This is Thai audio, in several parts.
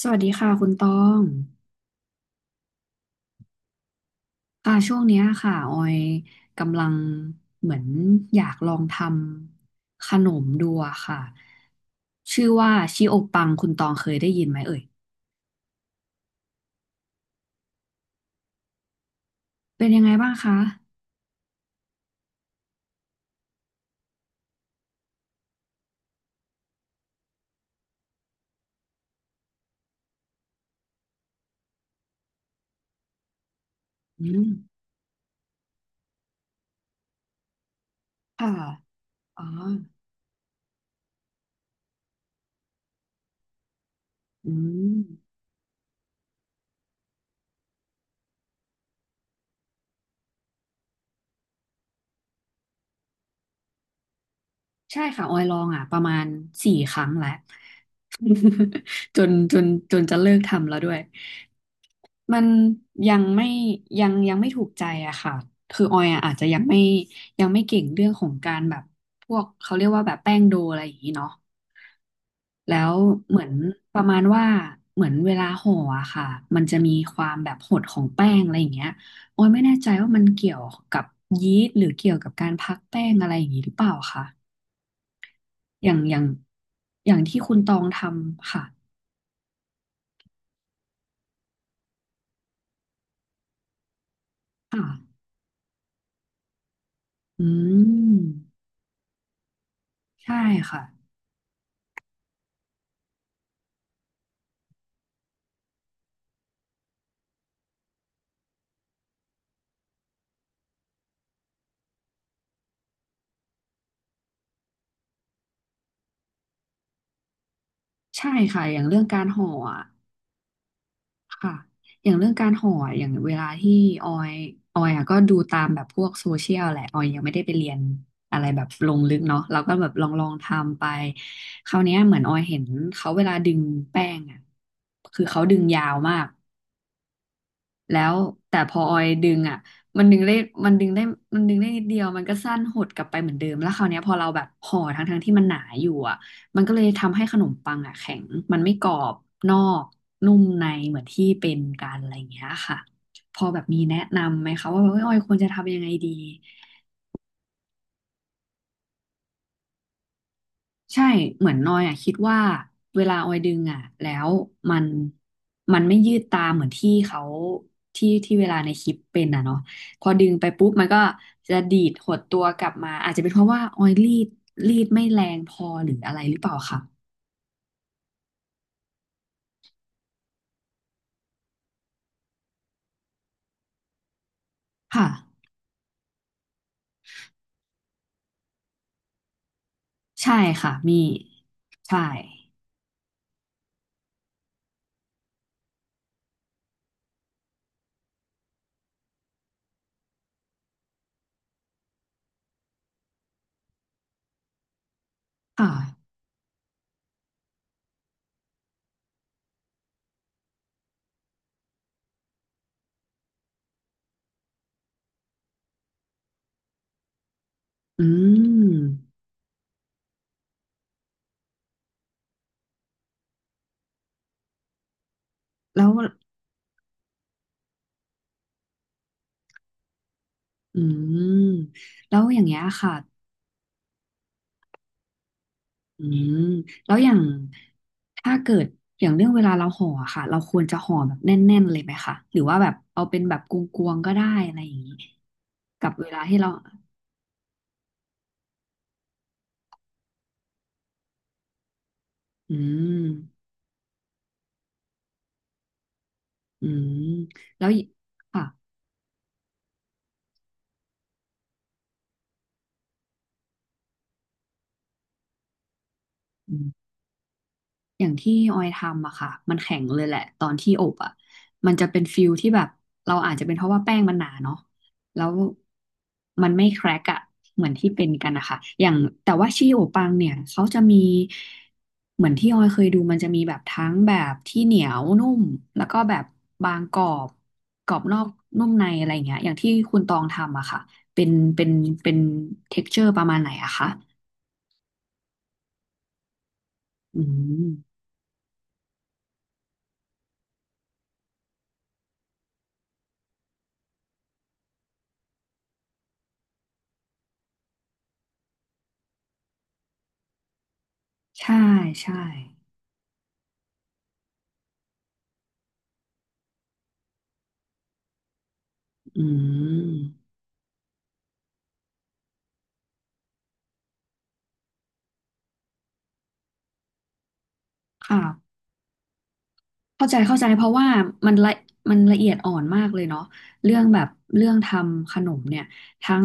สวัสดีค่ะคุณตองค่ะช่วงเนี้ยค่ะออยกำลังเหมือนอยากลองทำขนมดูอะค่ะชื่อว่าชิโอปังคุณตองเคยได้ยินไหมเอ่ยเป็นยังไงบ้างคะอืมค่ะอ๋ออืมใช่ค่ะออยลองอ่ะประมาณสี่ครั้งแล้ว จนจนจะเลิกทำแล้วด้วย มันยังไม่ยังไม่ถูกใจอะค่ะคือออยอะอาจจะยังไม่ยังไม่เก่งเรื่องของการแบบพวกเขาเรียกว่าแบบแป้งโดอะไรอย่างนี้เนาะแล้วเหมือนประมาณว่าเหมือนเวลาห่ออะค่ะมันจะมีความแบบหดของแป้งอะไรอย่างเงี้ยออยไม่แน่ใจว่ามันเกี่ยวกับยีสต์หรือเกี่ยวกับการพักแป้งอะไรอย่างนี้หรือเปล่าคะอย่างอย่างอย่างที่คุณตองทำค่ะค่ะอืมใช่ค่ะใช่ค่ะอย่างเรื่องการห่ออะ ค่ะอย่างเรื่องการห่ออย่างเวลาที่ออยออยอะก็ดูตามแบบพวกโซเชียลแหละ ออยยังไม่ได้ไปเรียนอะไรแบบลงลึกเนาะเราก็แบบลองทำไปคราวเนี้ยเหมือนออยเห็นเขาเวลาดึงแป้งอ่ะคือเขาดึงยาวมาก แล้วแต่พอออยดึงอ่ะมันดึงได้มันดึงได้มันดึงได้นิดเดียวมันก็สั้นหดกลับไปเหมือนเดิมแล้วคราวเนี้ยพอเราแบบห่อทั้งที่มันหนาอยู่อ่ะมันก็เลยทำให้ขนมปังอ่ะแข็งมันไม่กรอบนอกนุ่มในเหมือนที่เป็นกันอะไรอย่างเงี้ยค่ะพอแบบมีแนะนำไหมคะว่าแบบเอ้ยออยควรจะทำยังไงดี ใช่เหมือนนอยอ่ะคิดว่าเวลาออยดึงอ่ะแล้วมันมันไม่ยืดตามเหมือนที่เขาที่ที่เวลาในคลิปเป็นอ่ะเนาะพอดึงไปปุ๊บมันก็จะดีดหดตัวกลับมาอาจจะเป็นเพราะว่าออยรีดไม่แรงพอหรืออะไรหรือเปล่าค่ะค่ะใช่ค่ะมีใช่ค่ะอืมแล้วอืมแล้วอย่างเงี้ยค่ะ อืมแล้วอย่างถ้าเกิดอย่างเรื่องเวลาเราห่ออะค่ะเราควรจะห่อแบบแน่นๆเลยไหมคะหรือว่าแบบเอาเป็นแบบกลวงๆก็ได้อะไรอย่างนี้กับเวลาที่เราอืมอืมแล้วอีกค่ะ อย่างที่ออยทำอะค่ะ มันแข็งเลยแหละตอนที่อบอะมันจะเป็นฟิลที่แบบ เราอาจจะเป็นเพราะว่าแป้งมันหนาเนาะแล้วมันไม่แครกอะ เหมือนที่เป็นกันนะคะอย่างแต่ว่าชีโอปังเนี่ยเขาจะมีเหมือนที่ออยเคยดูมันจะมีแบบทั้งแบบที่เหนียวนุ่ม แล้วก็แบบบางกรอบกรอบนอกนุ่มในอะไรอย่างเงี้ยอย่างที่คุณตองทำอะค่ะ เป็นเป็นเป็นเท็กเจอร์ประมาณไหนอะคะอืมใช่ใช่อืม ค่ะเข้าใจเพราะว่ามันละมันละเอียดอ่อนมากเลยเนาะเรื่องแบบเรื่องทำขนมเนี่ยทั้ง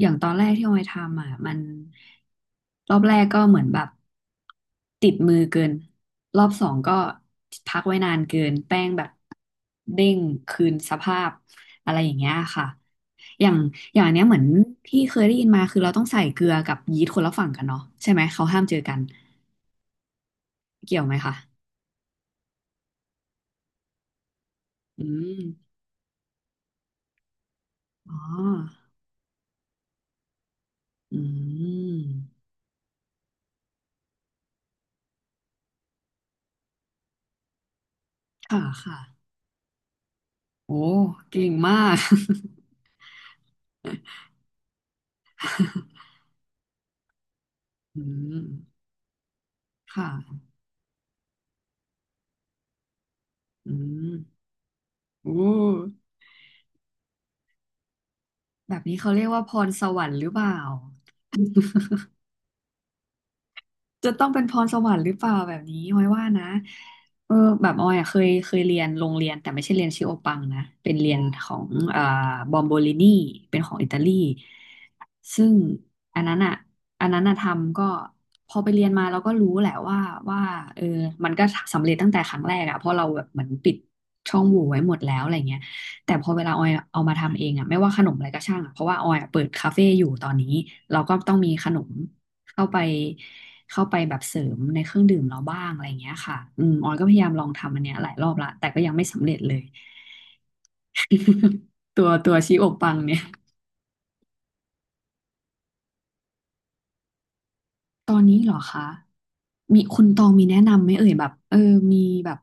อย่างตอนแรกที่ออยทำอ่ะมันรอบแรกก็เหมือนแบบติดมือเกินรอบสองก็พักไว้นานเกินแป้งแบบเด้งคืนสภาพอะไรอย่างเงี้ยค่ะอย่างอย่างอันเนี้ยเหมือนที่เคยได้ยินมาคือเราต้องใส่เกลือกับยีสต์คนละฝั่งกันเนาะใช่ไหมเขาห้ามเจอกันเกี่ยวไหมคะอืมอ๋อ อืมค่ะค่ะโอ้เก่งมาก อืมค่ะอืมโอ้แบบนี้เขาเรียกว่าพรสวรรค์หรือเปล่าจะต้องเป็นพรสวรรค์หรือเปล่าแบบนี้ออยว่านะเออแบบออยอะเคยเรียนโรงเรียนแต่ไม่ใช่เรียนชิโอปังนะเป็นเรียนของอ่าบอมโบลินีเป็นของอิตาลี ซึ่งอันนั้นอ่ะอันนั้นอ่ะทำก็พอไปเรียนมาเราก็รู้แหละว่าว่าเออมันก็สำเร็จตั้งแต่ครั้งแรกอ่ะเพราะเราแบบเหมือนปิดช่องโหว่ไว้หมดแล้วอะไรเงี้ยแต่พอเวลาออยเอามาทำเองอ่ะไม่ว่าขนมอะไรก็ช่างอ่ะเพราะว่าออยอะเปิดคาเฟ่อยู่ตอนนี้เราก็ต้องมีขนมเข้าไปเข้าไปแบบเสริมในเครื่องดื่มเราบ้างอะไรเงี้ยค่ะอืมออยก็พยายามลองทำอันเนี้ยหลายรอบละแต่ก็ยังไม่สำเร็จเลย ตัวชีโอปังเนี่ย ตอนนี้เหรอคะ มีคุณตองมีแนะนำไหมเอ่ยแบบเออมีแบบ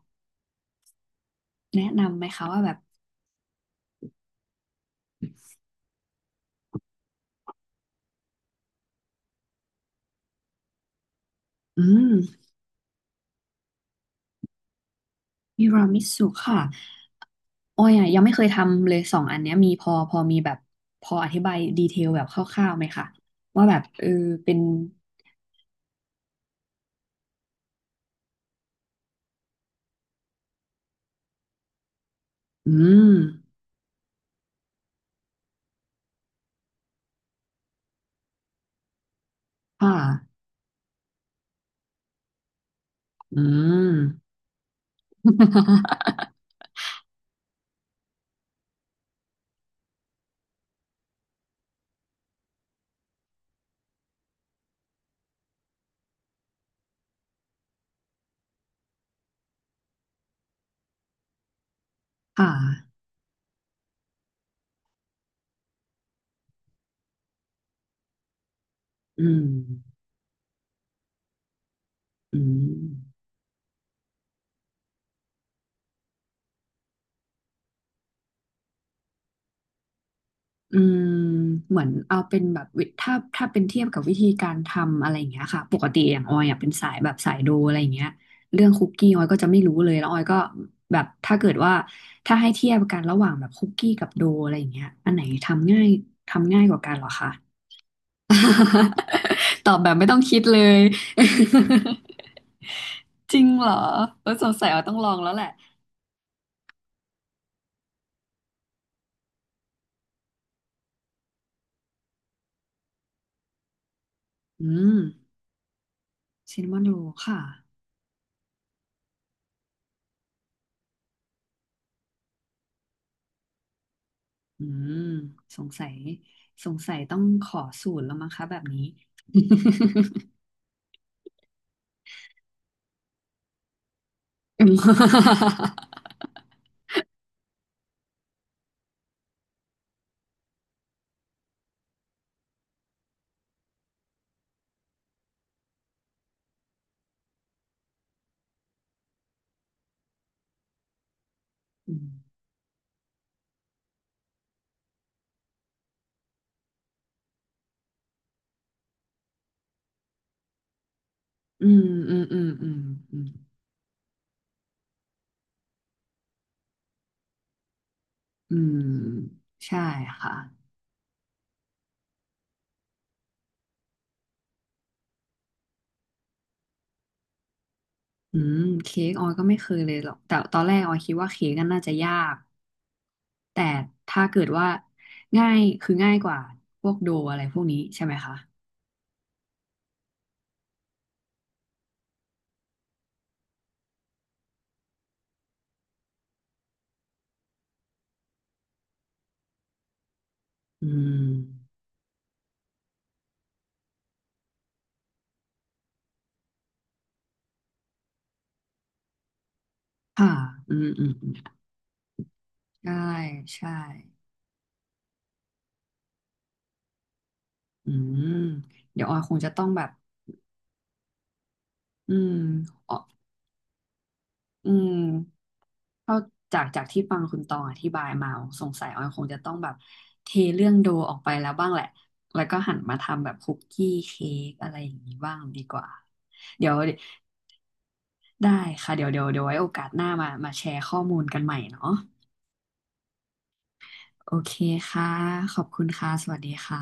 แนะนำไหมคะว่าแบบอืมทีรามิสุค่ะออยอะยังไม่เคยทำเลยสองอันเนี้ยมีพอมีแบบพออธิบายดีเทลแบบคร่าวๆไหมคะว่าแบบเออเป็นอืมค่ะอืม ค่ะอืมอืม อืมเหมือนเอาเป็นแบบถ้าถ้าเป็นเทียบกับวิธีการทำอะไรอย่างเงี้ยค่ะปกติอย่างออยอ่ะเป็นสายแบบสายดูอะไรอย่างเงี้ยเรื่องคุกกี้ออยก็จะไม่รู้เลยแล้วออยก็แบบถ้าเกิดว่าถ้าให้เทียบกันระหว่างแบบคุกกี้กับโดอะไรอย่างเงี้ยอันไหนทำง่ายกว่ากันเหรอคะ ตอบแบบไม่ต้องคิดเลย จริงเหรอเออสงสัยออยต้องลองแล้วแหละอืมซินนามอนโรลค่ะ อืมสงสัยสงสัยต้องขอสูตรแล้วมั้งคะแบบนี้ อืมอืมอืมอืมอืมอืมอืมใช่ค่ะอืมเค้กออยก็ไม่เคยเลยหรอกแต่ตอนแรกออยคิดว่าเค้กก็นน่าจะยากแต่ถ้าเกิดว่าง่ายคือง่ายกว่าพวกโดอะไรพวกนี้ใช่ไหมคะอืมค่ะอืมอืมอืมใช่ใช่อืมเดี๋ยวออยคงจะต้องแบบอืม อืมเข้าจากจากที่ฟังคุณตองอธิบายมาสงสัยออยคงจะต้องแบบเทเรื่องโดออกไปแล้วบ้างแหละแล้วก็หันมาทำแบบคุกกี้เค้กอะไรอย่างนี้บ้างดีกว่าเดี๋ยวได้ค่ะเดี๋ยวไว้โอกาสหน้ามามาแชร์ข้อมูลกันใหม่เนาะโอเคค่ะขอบคุณค่ะสวัสดีค่ะ